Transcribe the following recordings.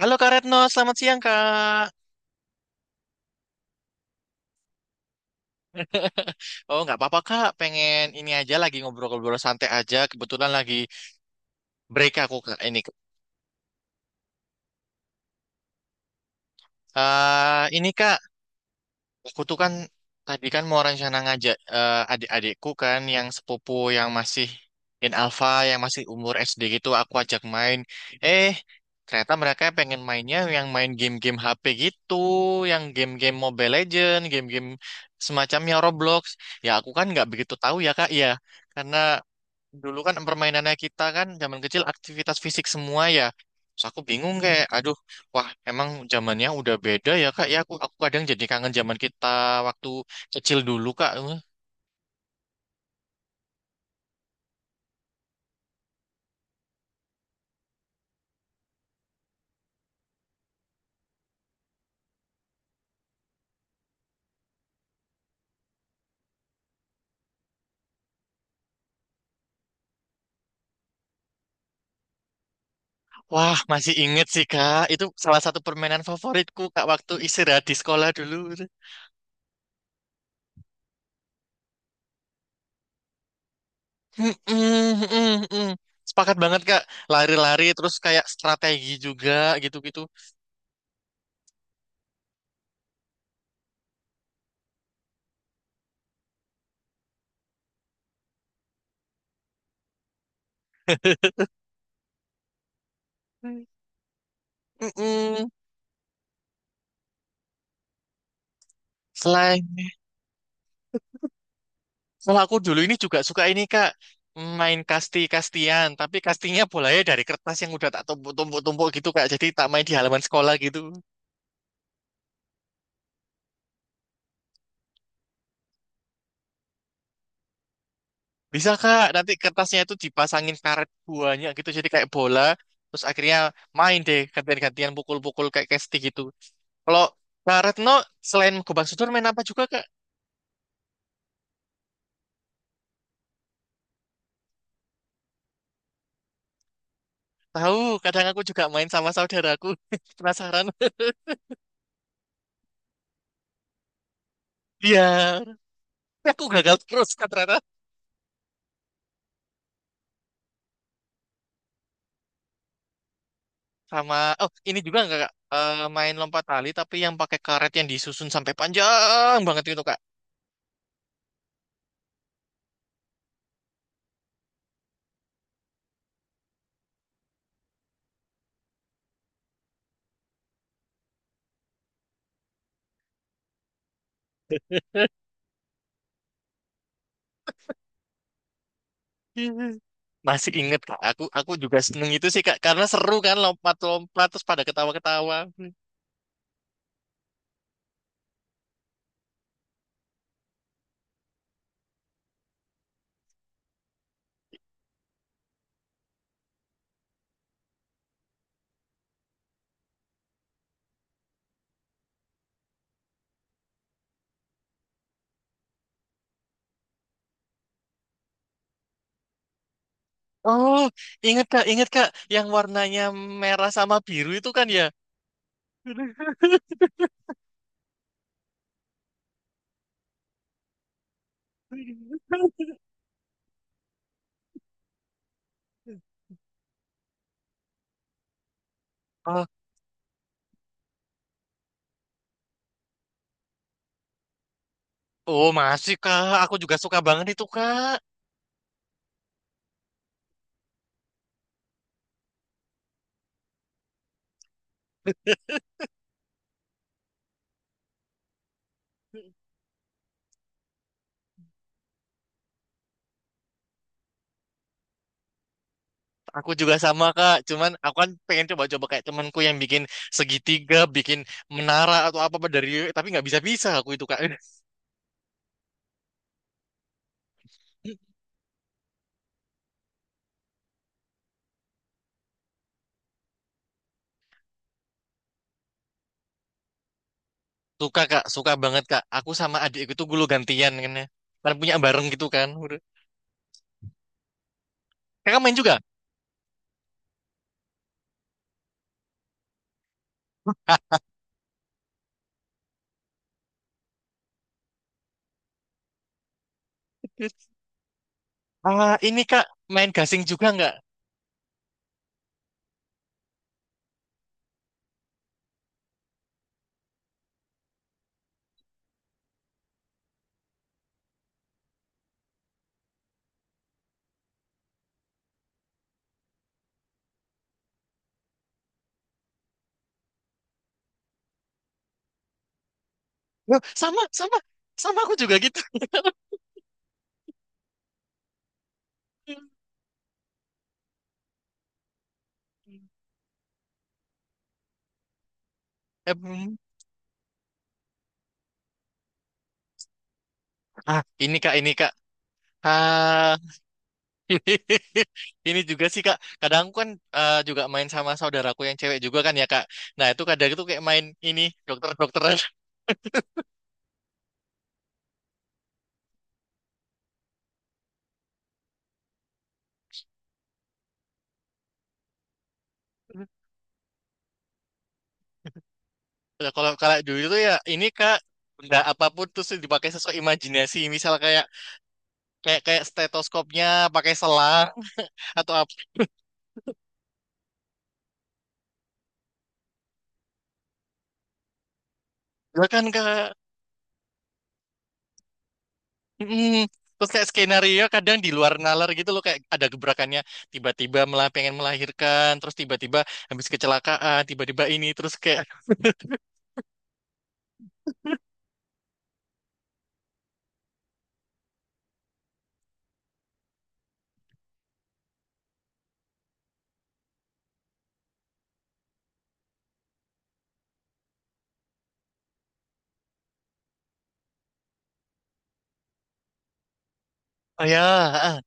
Halo Kak Retno, selamat siang Kak. Oh nggak apa-apa Kak, pengen ini aja lagi ngobrol-ngobrol santai aja. Kebetulan lagi break aku Kak ini. Ini Kak, aku tuh kan tadi kan mau rencana ngajak adik-adikku kan yang sepupu yang masih in alpha, yang masih umur SD gitu, aku ajak main. Eh Ternyata mereka pengen mainnya yang main game-game HP gitu, yang game-game Mobile Legend, game-game semacamnya Roblox. Ya aku kan nggak begitu tahu ya Kak, ya karena dulu kan permainannya kita kan zaman kecil aktivitas fisik semua ya. Terus aku bingung kayak, aduh, wah emang zamannya udah beda ya kak. Ya aku kadang jadi kangen zaman kita waktu kecil dulu kak. Wah masih inget sih kak. Itu salah satu permainan favoritku kak waktu istirahat di sekolah dulu. Mm-mm, mm-mm. Sepakat banget kak. Lari-lari terus kayak strategi juga gitu-gitu. Mm-mm. Selain kalau aku dulu ini juga suka ini Kak, main kasti-kastian, tapi kastinya bolanya dari kertas yang udah tak tumpuk-tumpuk-tumpuk gitu Kak. Jadi tak main di halaman sekolah gitu. Bisa Kak, nanti kertasnya itu dipasangin karet buahnya gitu, jadi kayak bola. Terus akhirnya main deh gantian-gantian pukul-pukul kayak kasti gitu. Kalau Kak Retno, selain gobang sodor main apa juga Kak? Tahu, kadang aku juga main sama saudaraku. Penasaran? Iya, tapi aku gagal terus Kak ternyata. Sama oh ini juga nggak Kak? Main lompat tali tapi yang pakai karet yang disusun sampai panjang banget gitu Kak. Masih inget Kak, aku juga seneng itu sih Kak karena seru kan lompat-lompat terus pada ketawa-ketawa. Oh, inget Kak, inget Kak, yang warnanya merah sama biru itu kan ya. Oh, oh masih Kak, aku juga suka banget itu Kak. Aku juga sama Kak, cuman aku kan pengen coba-coba kayak temanku yang bikin segitiga, bikin menara atau apa apa dari tapi nggak bisa-bisa aku itu Kak. Suka Kak, suka banget Kak. Aku sama adikku itu gulu gantian kan ya. Kan punya bareng gitu kan. Udah. Kakak main juga? Ah, ini Kak, main gasing juga nggak? Loh, sama, sama. Sama aku juga gitu. Em, Ah, ini Kak, ini Kak. Ah, Ini juga sih Kak, kadang aku kan juga main sama saudaraku yang cewek juga kan ya Kak. Nah itu kadang itu kayak main ini dokter-dokteran. Nah, kalau kalau dulu itu ya ini Kak, benda apapun terus dipakai sesuai imajinasi. Misal kayak kayak kayak stetoskopnya pakai selang atau apa juga kan Kak. mm Terus kayak skenario kadang di luar nalar gitu loh, kayak ada gebrakannya tiba-tiba malah pengen melahirkan, terus tiba-tiba habis kecelakaan tiba-tiba ini terus kayak oh ya, ah.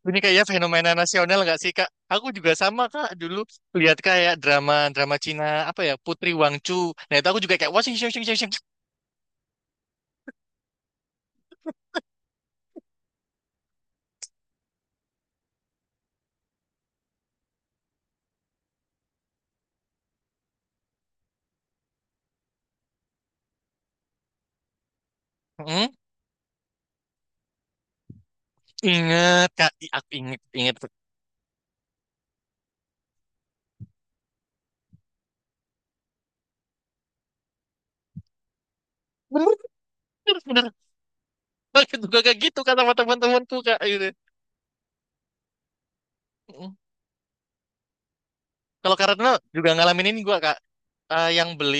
Ini kayaknya fenomena nasional nggak sih Kak? Aku juga sama Kak dulu lihat kayak drama drama Cina apa ya Putri Wangchu. Nah itu aku juga kayak wah sing sing sing sing. Sing. Hmm, ingat Kak, aku inget inget. Bener, bener, bener. Aku juga kayak gitu Kak sama teman-temanku Kak. Gitu. Mm. Kalau karena juga ngalamin ini gua Kak. Yang beli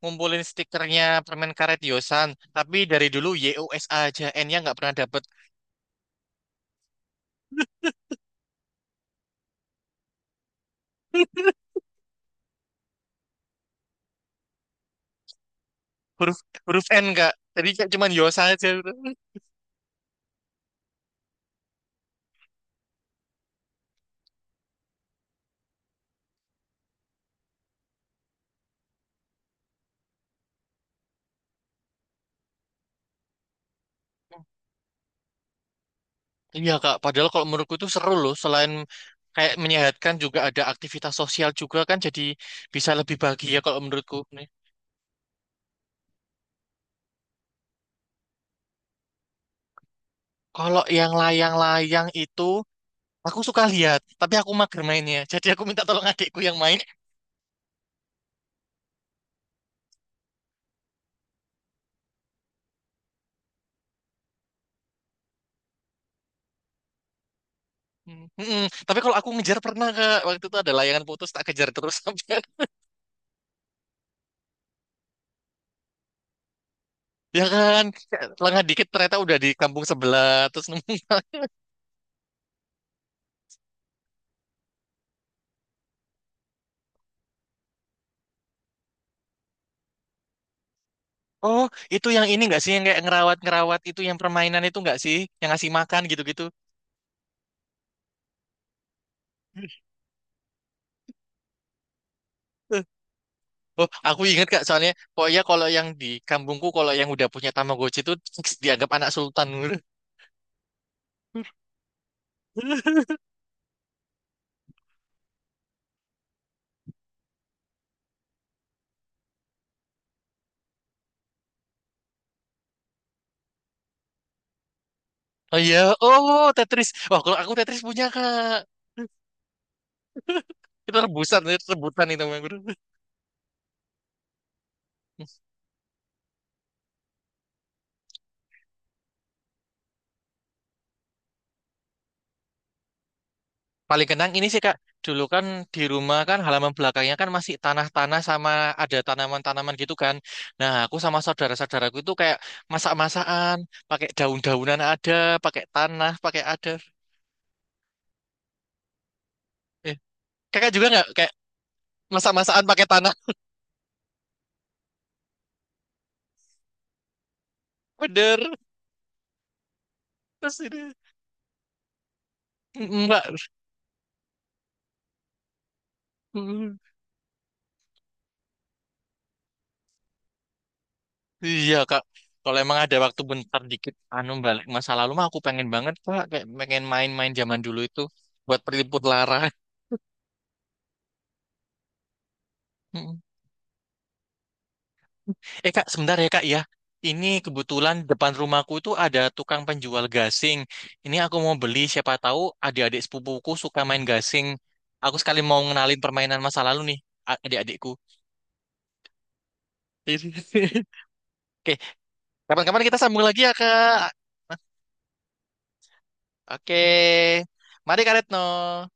ngumpulin stikernya permen karet Yosan, tapi dari dulu YOS aja, N-nya nggak pernah dapet. Huruf Huruf N kak tadi kayak cuman Yosa aja. Iya kak, padahal kalau menurutku itu seru loh, selain kayak menyehatkan juga ada aktivitas sosial juga kan, jadi bisa lebih bahagia kalau menurutku nih. Kalau yang layang-layang itu aku suka lihat tapi aku mager mainnya. Jadi aku minta tolong adikku yang main. Hmm, mm-mm. Tapi kalau aku ngejar pernah kak, waktu itu ada layangan putus tak kejar terus sampai ya kan lengah dikit ternyata udah di kampung sebelah terus nemu. Oh, itu yang ini nggak sih yang kayak ngerawat-ngerawat itu yang permainan itu nggak sih yang ngasih makan gitu-gitu? Eh, Oh, aku inget Kak, soalnya pokoknya kalau yang di kampungku kalau yang udah punya Tamagotchi itu fix dianggap anak sultan. Gitu. Oh iya, oh Tetris. Wah, kalau aku Tetris punya Kak. Itu rebusan, rebutan itu Bang. Paling kenang ini sih Kak, dulu kan di rumah kan halaman belakangnya kan masih tanah-tanah sama ada tanaman-tanaman gitu kan. Nah, aku sama saudara-saudaraku itu kayak masak-masakan, pakai daun-daunan ada, pakai tanah, pakai ada. Eh, Kakak juga nggak kayak masak-masakan pakai tanah? Bener. Terus ini enggak. Iya Kak. Kalau emang ada waktu bentar dikit anu balik masa lalu mah aku pengen banget Kak, kayak pengen main-main zaman dulu itu buat peliput lara. Eh kak, sebentar ya kak ya. Ini kebetulan depan rumahku itu ada tukang penjual gasing. Ini aku mau beli, siapa tahu adik-adik sepupuku suka main gasing. Aku sekali mau ngenalin permainan masa lalu nih, a- adik-adikku. Oke, kapan-kapan kita sambung lagi ya kak. Oke, mari Kak Retno.